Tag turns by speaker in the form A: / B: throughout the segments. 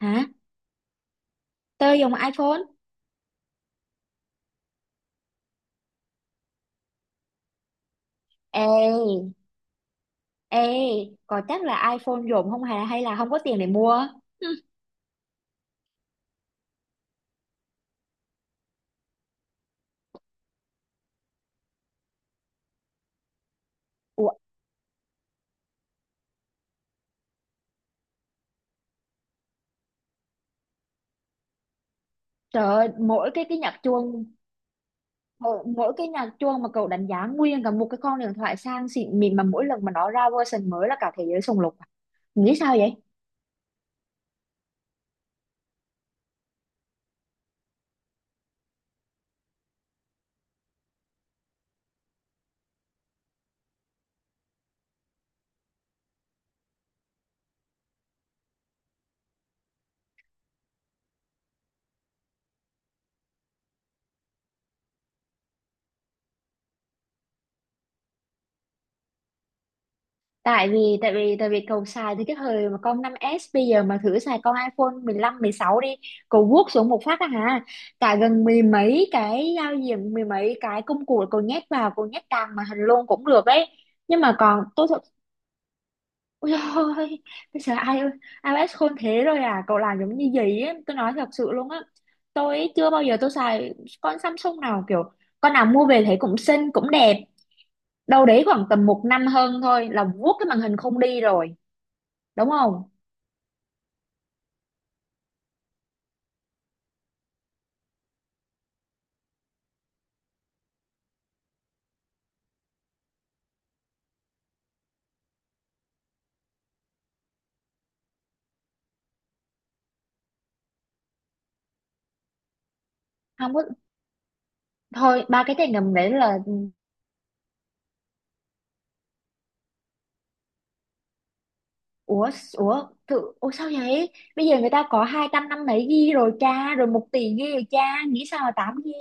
A: Hả? Tôi dùng iPhone? Ê, ê, có chắc là iPhone dùng không hay hay là không có tiền để mua? Hừ. Ủa, trời ơi, mỗi cái nhạc chuông mỗi cái nhạc chuông mà cậu đánh giá nguyên cả một cái con điện thoại sang xịn mịn mà mỗi lần mà nó ra version mới là cả thế giới sùng lục. À? Nghĩ sao vậy? Tại vì cậu xài từ cái thời mà con năm s, bây giờ mà thử xài con iPhone mười lăm mười sáu đi. Cậu vuốt xuống một phát á hả, cả gần mười mấy cái giao diện, mười mấy cái công cụ cậu nhét vào, cậu nhét càng màn hình luôn cũng được đấy, nhưng mà còn tôi thật. Ôi dồi ôi, bây giờ ai iOS khôn thế rồi à? Cậu làm giống như gì ấy, tôi nói thật sự luôn á, tôi ấy chưa bao giờ tôi xài con Samsung nào kiểu, con nào mua về thấy cũng xinh cũng đẹp, đâu đấy khoảng tầm một năm hơn thôi là vuốt cái màn hình không đi rồi, đúng không? Không có. Thôi ba cái trải ngầm đấy là ủa ủa tự ủa sao vậy? Bây giờ người ta có 200 năm mươi ghi rồi cha, rồi một tỷ ghi rồi cha, nghĩ sao mà tám ghi?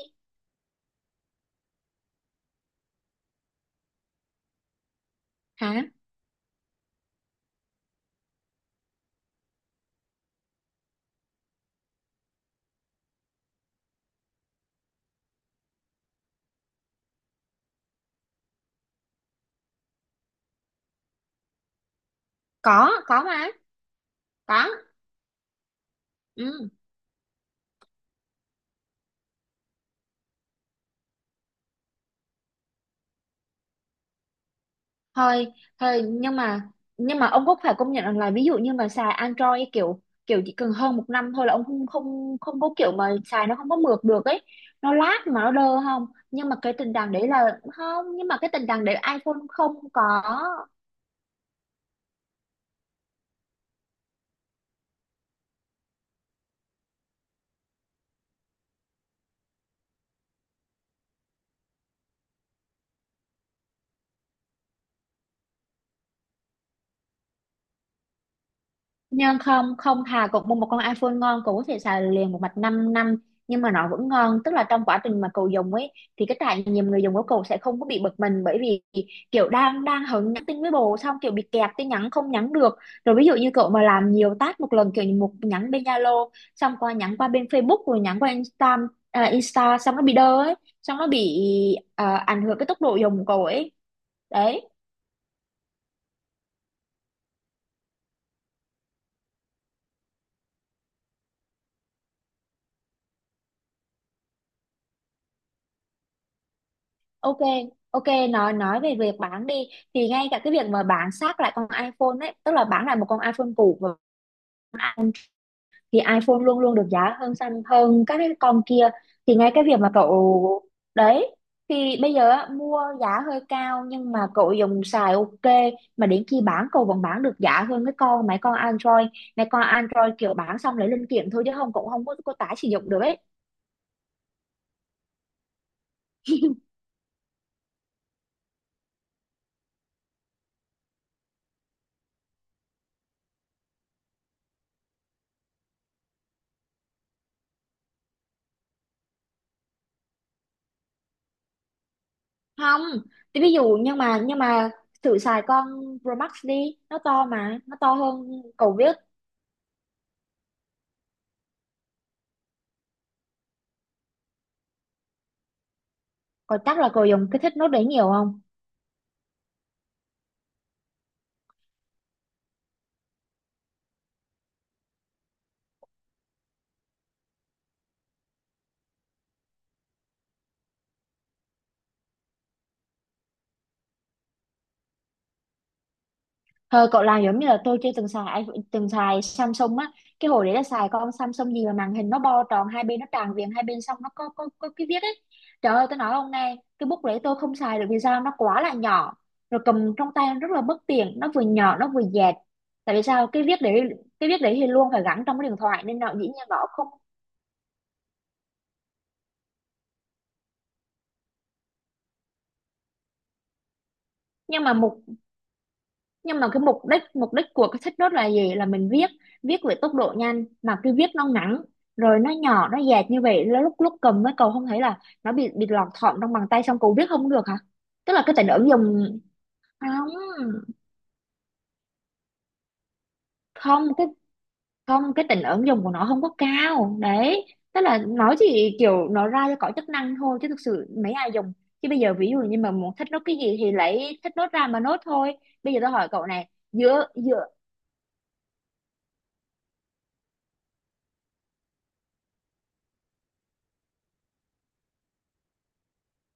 A: Hả? Có mà. Có. Ừ. Thôi, thôi, nhưng mà ông cũng phải công nhận rằng là ví dụ như mà xài Android kiểu, kiểu chỉ cần hơn một năm thôi là ông không không không có kiểu mà xài nó không có mượt được ấy, nó lag mà nó đơ. Không, nhưng mà cái tình trạng đấy là không, nhưng mà cái tình trạng đấy iPhone không có. Nhưng không, không, thà cậu mua một con iPhone ngon cậu có thể xài liền một mạch 5 năm nhưng mà nó vẫn ngon, tức là trong quá trình mà cậu dùng ấy thì cái trải nghiệm người dùng của cậu sẽ không có bị bực mình, bởi vì kiểu đang đang hứng nhắn tin với bồ xong kiểu bị kẹt tin nhắn không nhắn được, rồi ví dụ như cậu mà làm nhiều task một lần, kiểu như một nhắn bên Zalo xong qua nhắn qua bên Facebook rồi nhắn qua Insta, à, Insta xong nó bị đơ ấy, xong nó bị à, ảnh hưởng cái tốc độ dùng của cậu ấy. Đấy. Ok, ok, nói về việc bán đi, thì ngay cả cái việc mà bán xác lại con iPhone ấy, tức là bán lại một con iPhone cũ mà, thì iPhone luôn luôn được giá hơn xanh hơn các cái con kia. Thì ngay cái việc mà cậu đấy, thì bây giờ á, mua giá hơi cao nhưng mà cậu dùng xài ok, mà đến khi bán cậu vẫn bán được giá hơn cái con mấy con Android. Mấy con Android kiểu bán xong lấy linh kiện thôi chứ không cũng không có, có tái sử dụng được ấy. Không, thì ví dụ nhưng mà thử xài con Pro Max đi, nó to mà, nó to hơn, cậu viết, cậu chắc là cậu dùng cái thích nốt đấy nhiều không? Thôi cậu làm giống như là tôi chưa từng xài từng xài Samsung á. Cái hồi đấy là xài con Samsung gì mà màn hình nó bo tròn hai bên, nó tràn viền hai bên, xong nó có cái viết ấy. Trời ơi tôi nói ông này, cái bút đấy tôi không xài được, vì sao, nó quá là nhỏ, rồi cầm trong tay nó rất là bất tiện, nó vừa nhỏ nó vừa dẹt. Tại vì sao, cái viết đấy, cái viết đấy thì luôn phải gắn trong cái điện thoại nên là dĩ nhiên nó không. Nhưng mà một, nhưng mà cái mục đích của cái sách nốt là gì, là mình viết, viết với tốc độ nhanh mà cứ viết nó ngắn rồi, nó nhỏ nó dẹt như vậy, lúc lúc cầm với cậu không thấy là nó bị lọt thỏm trong bàn tay xong cậu viết không được hả? Tức là cái tính ứng dụng không. Không cái không cái tính ứng dụng của nó không có cao đấy, tức là nó chỉ kiểu nó ra cho có chức năng thôi chứ thực sự mấy ai dùng. Chứ bây giờ ví dụ như mà muốn thích nốt cái gì thì lấy thích nốt ra mà nốt thôi. Bây giờ tôi hỏi cậu này, giữa giữa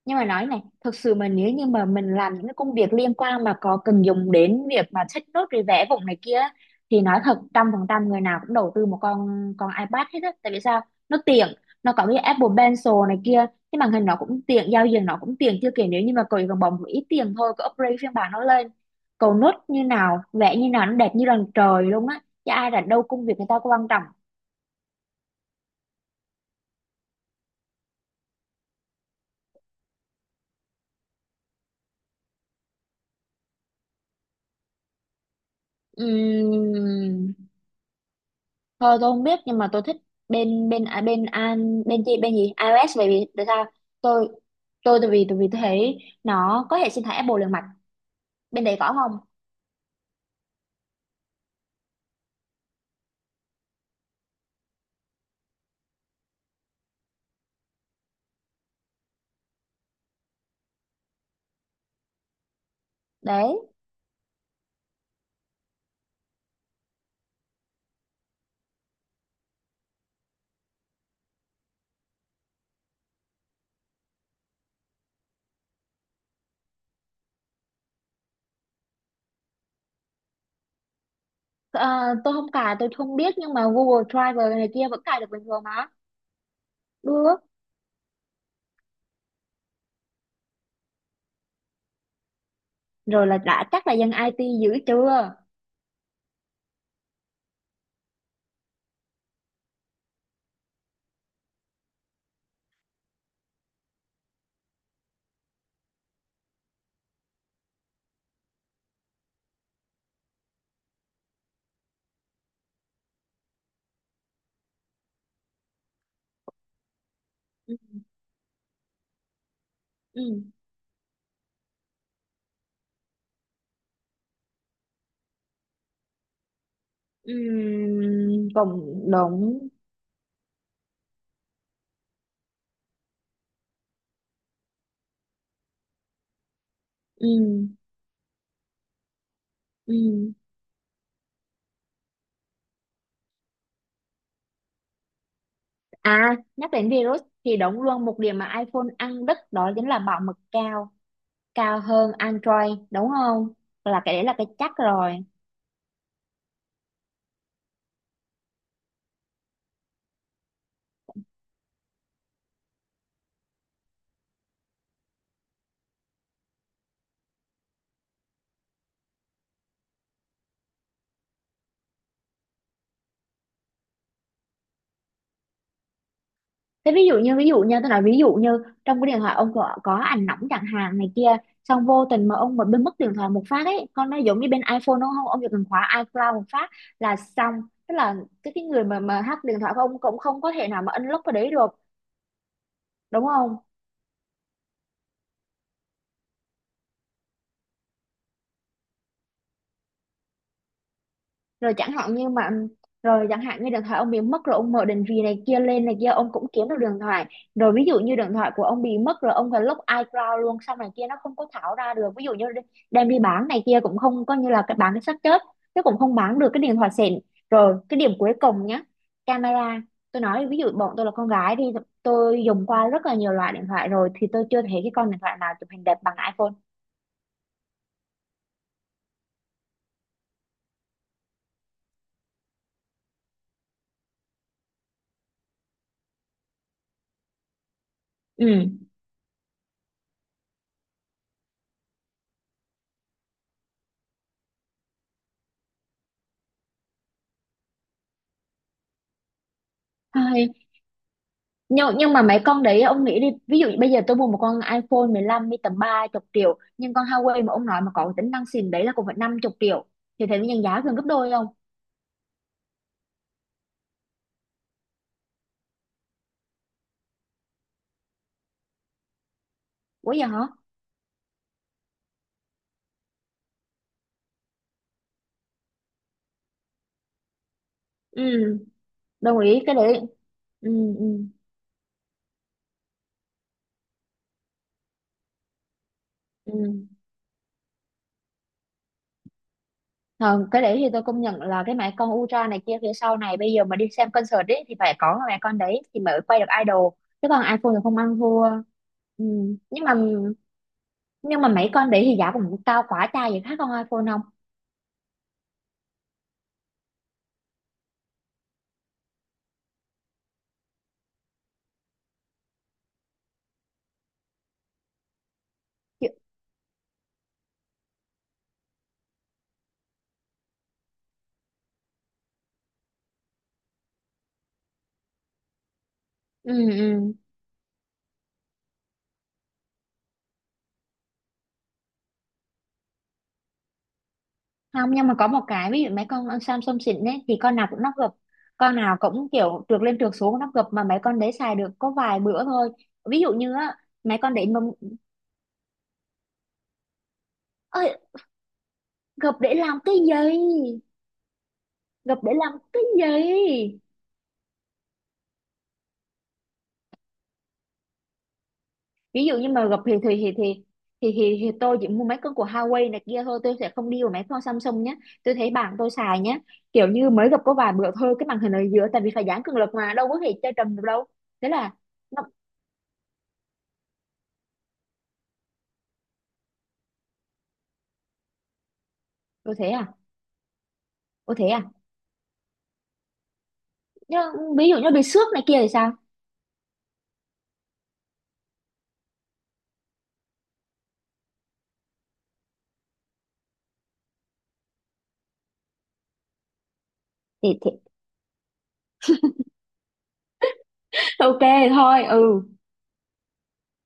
A: nhưng mà nói này, thực sự mà nếu như mà mình làm những cái công việc liên quan mà có cần dùng đến việc mà check nốt rồi vẽ vùng này kia á, thì nói thật trăm phần trăm người nào cũng đầu tư một con iPad hết á, tại vì sao, nó tiện, nó có cái Apple Pencil này kia, cái màn hình nó cũng tiện, giao diện nó cũng tiện, chưa kể nếu như mà cậu chỉ cần bỏ một ít tiền thôi, cậu upgrade phiên bản nó lên, cậu nốt như nào vẽ như nào nó đẹp như lần trời luôn á, chứ ai rảnh đâu, công việc người ta có quan trọng. Ừm, Thôi tôi không biết nhưng mà tôi thích bên bên à, bên an bên gì iOS, bởi vì tại sao, tôi tôi tại vì tôi thấy nó có hệ sinh thái Apple liền mạch. Bên đấy có không? Đấy. Ờ, tôi không cài tôi không biết nhưng mà Google Drive này kia vẫn cài được bình thường mà. Được. Rồi là đã chắc là dân IT dữ chưa. Ừ, ừ, ừ, cộng đồng, ừ, ừ. À, nhắc đến virus thì đúng luôn một điểm mà iPhone ăn đứt đó chính là bảo mật cao, cao hơn Android đúng không? Là cái đấy là cái chắc rồi. Thế ví dụ như, ví dụ như tôi nói, ví dụ như trong cái điện thoại ông có ảnh nóng chẳng hạn này kia, xong vô tình mà ông mà bên mất điện thoại một phát ấy, con nó giống như bên iPhone đúng không, ông chỉ cần khóa iCloud một phát là xong, tức là cái người mà hack điện thoại của ông cũng không có thể nào mà unlock cái đấy được, đúng không? Rồi chẳng hạn như mà rồi chẳng hạn như điện thoại ông bị mất rồi, ông mở định vị này kia lên này kia, ông cũng kiếm được điện thoại. Rồi ví dụ như điện thoại của ông bị mất rồi ông phải lúc iCloud luôn xong này kia, nó không có thảo ra được, ví dụ như đem đi bán này kia cũng không, coi như là cái bán cái xác chết chứ cũng không bán được cái điện thoại xịn. Rồi cái điểm cuối cùng nhá, camera. Tôi nói ví dụ bọn tôi là con gái đi, tôi dùng qua rất là nhiều loại điện thoại rồi thì tôi chưa thấy cái con điện thoại nào chụp hình đẹp bằng iPhone. Ừ. Nhưng mà mấy con đấy ông nghĩ đi, ví dụ như bây giờ tôi mua một con iPhone 15 đi tầm ba chục triệu, nhưng con Huawei mà ông nói mà có cái tính năng xịn đấy là cũng phải năm chục triệu, thì thấy nhân giá gần gấp đôi không? Quá vậy hả? Ừ, đồng ý cái đấy. Ừ, ừ, ừ. Ờ, cái đấy thì tôi công nhận là cái máy con Ultra này kia phía sau này, bây giờ mà đi xem concert ấy thì phải có cái máy con đấy thì mới quay được idol, chứ còn iPhone thì không ăn thua. Ừ. Nhưng mà nhưng mà mấy con đấy thì giá cũng cao quá cha vậy, khác con iPhone không? Chứ- ừ, ừ, không, nhưng mà có một cái ví dụ, mấy con Samsung xịn ấy thì con nào cũng nắp gập, con nào cũng kiểu trượt lên trượt xuống nắp gập, mà mấy con đấy xài được có vài bữa thôi, ví dụ như á, mấy con để mâm ơi. Gập để làm cái gì? Gập để làm cái gì? Ví dụ như mà gập thì thì thì tôi chỉ mua mấy con của Huawei này kia thôi, tôi sẽ không đi vào mấy con Samsung nhé. Tôi thấy bạn tôi xài nhé, kiểu như mới gập có vài bữa thôi, cái màn hình ở giữa tại vì phải giãn cường lực mà đâu có thể chơi trầm được đâu. Thế là nó có thế à? Có thế à? Nhưng ví dụ như bị xước này kia thì sao? Thì ok, thôi ừ.